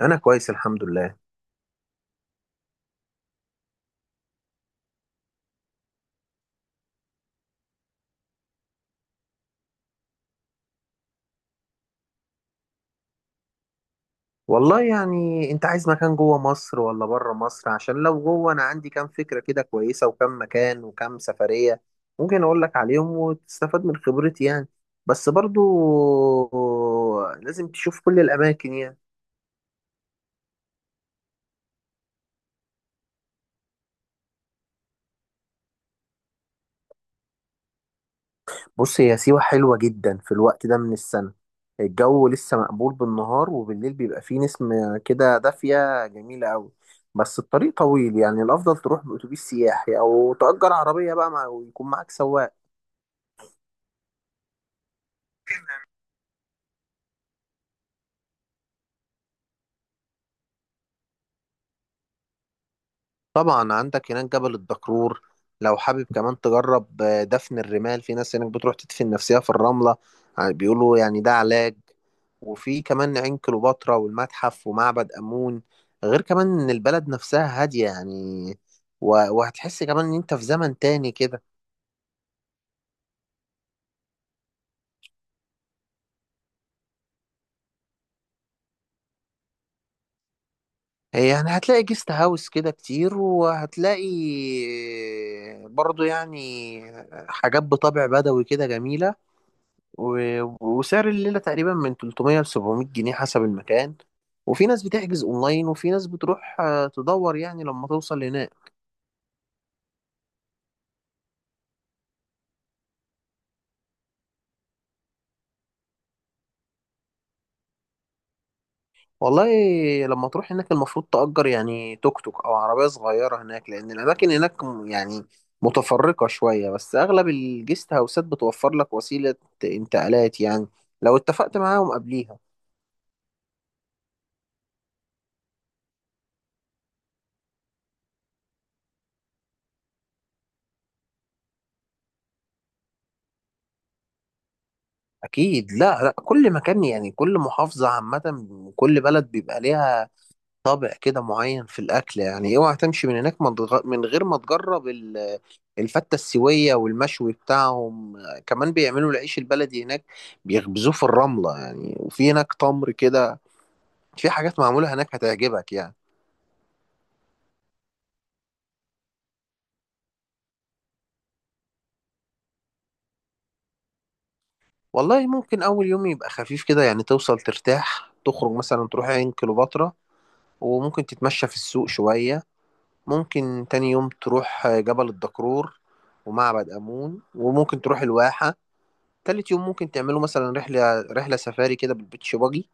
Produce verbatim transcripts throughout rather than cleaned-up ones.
انا كويس، الحمد لله. والله يعني انت عايز مكان جوه مصر ولا بره مصر؟ عشان لو جوه انا عندي كام فكرة كده كويسة وكام مكان وكام سفرية ممكن اقول لك عليهم وتستفاد من خبرتي يعني. بس برضو لازم تشوف كل الاماكن يعني. بص، هي سيوة حلوة جدا في الوقت ده من السنة. الجو لسه مقبول بالنهار، وبالليل بيبقى فيه نسمة كده دافية جميلة قوي. بس الطريق طويل يعني الافضل تروح باتوبيس سياحي او تأجر عربية بقى مع ويكون معاك سواق. طبعا عندك هناك جبل الدكرور. لو حابب كمان تجرب آه، دفن الرمال، في ناس هناك بتروح تدفن نفسها في الرملة. ع- بيقولوا يعني ده علاج. وفي كمان عين كليوباترا والمتحف ومعبد أمون. غير كمان إن البلد نفسها هادية يعني. و- وهتحس كمان إن أنت في زمن تاني كده. آه، يعني هتلاقي جيست هاوس كده كتير، وهتلاقي آه، برضو يعني آه، حاجات بطابع بدوي كده جميلة. و... وسعر الليلة تقريبا من تلتمية ل سبعمية جنيه حسب المكان. وفي ناس بتحجز اونلاين، وفي ناس بتروح آه، تدور يعني لما توصل هناك. والله، لما تروح هناك المفروض تأجر يعني توك توك او عربية صغيرة هناك، لان الاماكن هناك م- يعني متفرقة شوية. بس اغلب الجيست هاوسات بتوفر لك وسيلة انتقالات يعني، لو اتفقت معاهم قبليها. اكيد. لا لا، كل مكان يعني، كل محافظة عامة، كل بلد بيبقى ليها طابع كده معين في الاكل يعني. اوعى تمشي من هناك ما تغ- من غير ما تجرب ال- الفته السويه والمشوي بتاعهم. كمان بيعملوا العيش البلدي هناك، بيخبزوه في الرمله يعني. وفي هناك تمر كده. في حاجات معموله هناك هتعجبك يعني. والله، ممكن اول يوم يبقى خفيف كده يعني، توصل ترتاح تخرج مثلا تروح عين كليوباترا، وممكن تتمشى في السوق شويه. ممكن تاني يوم تروح جبل الدكرور ومعبد امون، وممكن تروح الواحه. تالت يوم ممكن تعملوا مثلا رحلة رحلة سفاري كده بالبيتش باجي،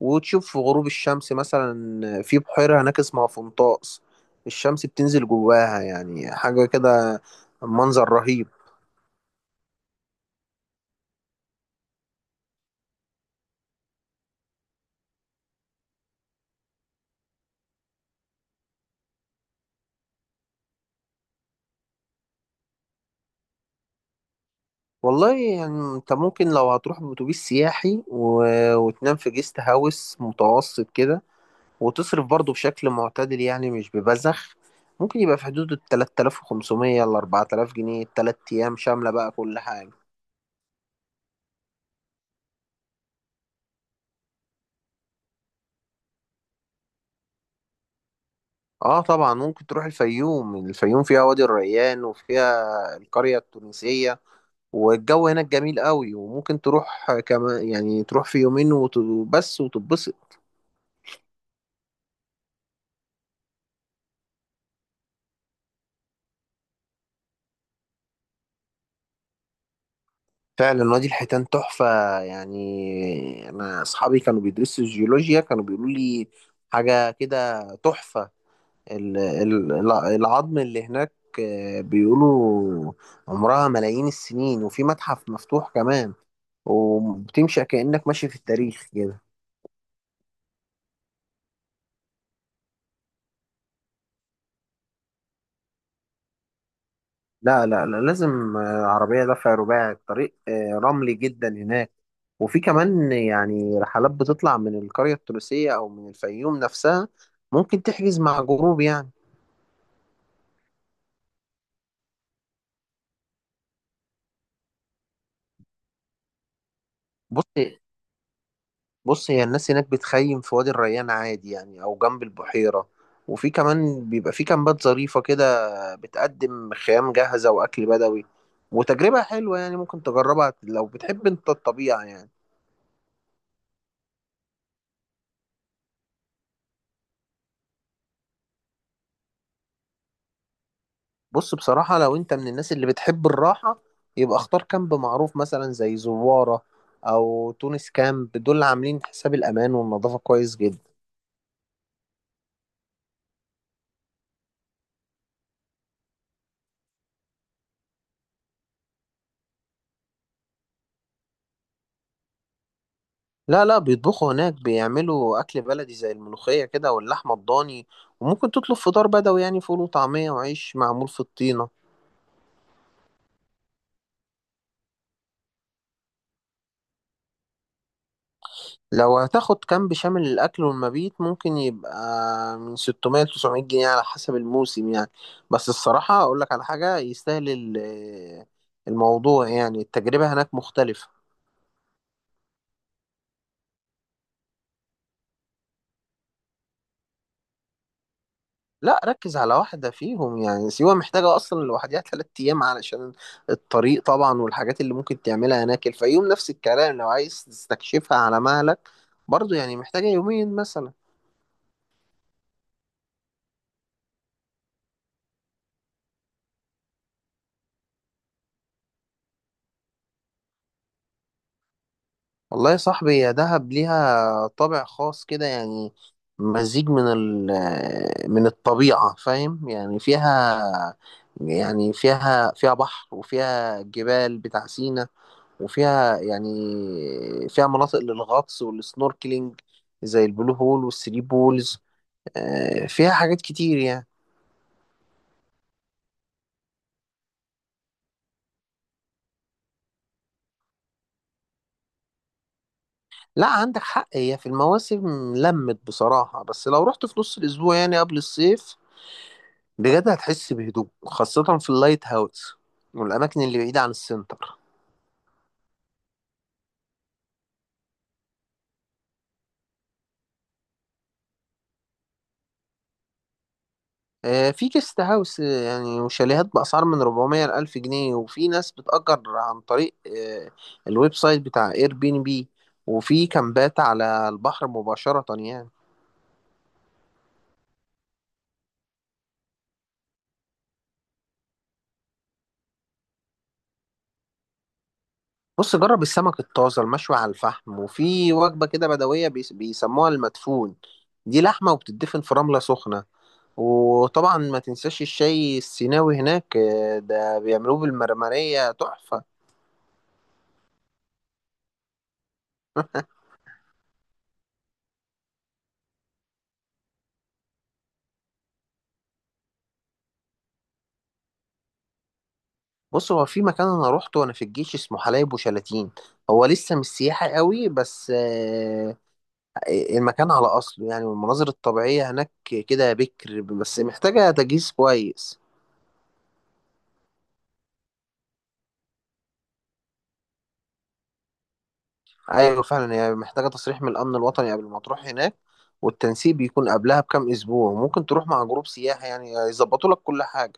وتشوف غروب الشمس مثلا. في بحيرة هناك اسمها فنطاس، الشمس بتنزل جواها يعني، حاجة كده، منظر رهيب. والله يعني انت ممكن لو هتروح بأتوبيس سياحي و... وتنام في جيست هاوس متوسط كده، وتصرف برضه بشكل معتدل يعني مش ببذخ، ممكن يبقى في حدود ال تلاتة آلاف وخمسمية ل أربعة آلاف جنيه التلات أيام شاملة بقى كل حاجة. اه طبعا، ممكن تروح الفيوم. الفيوم فيها وادي الريان وفيها القرية التونسية، والجو هناك جميل قوي. وممكن تروح كمان يعني تروح في يومين وت- وبس وتتبسط. فعلا وادي الحيتان تحفة. يعني انا اصحابي كانوا بيدرسوا الجيولوجيا كانوا بيقولوا لي حاجة كده تحفة. ال- ال- العظم اللي هناك آه، بيقولوا عمرها ملايين السنين. وفي متحف مفتوح كمان، وبتمشي كأنك ماشي في التاريخ كده. لا لا لا، لازم آه، عربية دفع رباعي. الطريق آه، رملي جدا هناك. وفي كمان يعني رحلات بتطلع من القرية التونسية أو من الفيوم نفسها، ممكن تحجز مع جروب يعني. بص بص هي الناس هناك بتخيم في وادي الريان عادي يعني، أو جنب البحيرة. وفي كمان بيبقى في كامبات ظريفة كده، بتقدم خيام جاهزة وأكل بدوي، وتجربة حلوة يعني ممكن تجربها لو بتحب أنت الطبيعة يعني. بص، بصراحة لو انت من الناس اللي بتحب الراحة، يبقى اختار كامب معروف مثلا زي زوارة او تونس كامب. دول عاملين حساب الامان والنظافة كويس جدا. لا لا، بيطبخوا هناك، بيعملوا اكل بلدي زي الملوخية كده واللحمة الضاني. وممكن تطلب فطار بدوي يعني فول وطعمية وعيش معمول في الطين. لو هتاخد كامب شامل الأكل والمبيت، ممكن يبقى من ستمائة ل تسعمائة جنيه على حسب الموسم يعني. بس الصراحة أقول لك على حاجة يستاهل ال- الموضوع يعني، التجربة هناك مختلفة. لا، ركز على واحدة فيهم. يعني سيوة محتاجة أصلا لوحدها تلات أيام علشان الطريق طبعا، والحاجات اللي ممكن تعملها هناك. الفيوم نفس الكلام، لو عايز تستكشفها على مهلك برضو يعني محتاجة يومين مثلا. والله يا صاحبي، يا دهب ليها طابع خاص كده يعني، مزيج من ال آه، من الطبيعة، فاهم يعني، فيها يعني، فيها فيها بحر وفيها جبال بتاع سينا، وفيها يعني فيها مناطق للغطس والسنوركلينج زي البلو هول والثري بولز. آه، فيها حاجات كتير يعني. لا، عندك حق. هي في المواسم لمت بصراحة، بس لو رحت في نص الأسبوع يعني قبل الصيف بجد هتحس بهدوء، خاصة في اللايت هاوس والأماكن اللي بعيدة عن السنتر. آه، في جيست هاوس آه، يعني وشاليهات بأسعار من أربعمائة ل ألف جنيه. وفي ناس بتأجر عن طريق آه، الويب سايت بتاع اير بي ان بي. وفي كامبات على البحر مباشرة يعني. بص، جرب السمك الطازة المشوي على الفحم. وفي وجبة كده بدوية بيس- بيسموها المدفون، دي لحمة وبتدفن في رملة سخنة. وطبعا ما تنساش الشاي السيناوي هناك، آه، ده بيعملوه بالمرمرية تحفة. بص، هو في مكان انا روحته وانا في الجيش اسمه حلايب وشلاتين. هو لسه مش سياحي قوي بس آه، آه، المكان على اصله يعني. والمناظر الطبيعية هناك كده بكر، بس محتاجة تجهيز كويس. ايوه فعلا، هي محتاجة تصريح من الامن الوطني قبل ما تروح هناك، والتنسيق بيكون قبلها بكام اسبوع. ممكن تروح مع جروب سياحي يعني يظبطوا لك كل حاجة.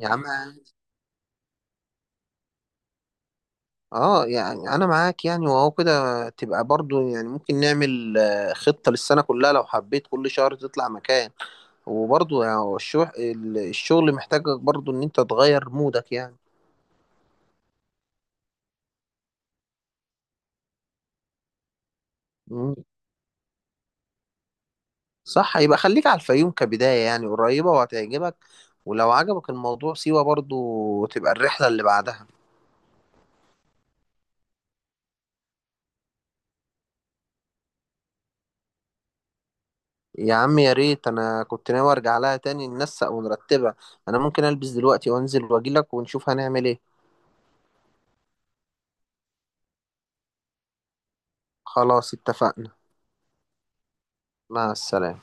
يا عم. اه يعني انا معاك، يعني وهو كده تبقى برضو يعني ممكن نعمل آه، خطة للسنة كلها لو حبيت كل شهر تطلع مكان. وبرضو يعني هو الشغل الشغل محتاجك برضو ان انت تغير مودك يعني. مم. صح، يبقى خليك على الفيوم كبداية يعني، قريبة وهتعجبك. ولو عجبك الموضوع، سيوة برضو تبقى الرحلة اللي بعدها. يا عم يا ريت، انا كنت ناوي ارجع لها تاني ننسق ونرتبها. انا ممكن البس دلوقتي وانزل واجيلك ونشوف هنعمل ايه. خلاص، اتفقنا. مع السلامة.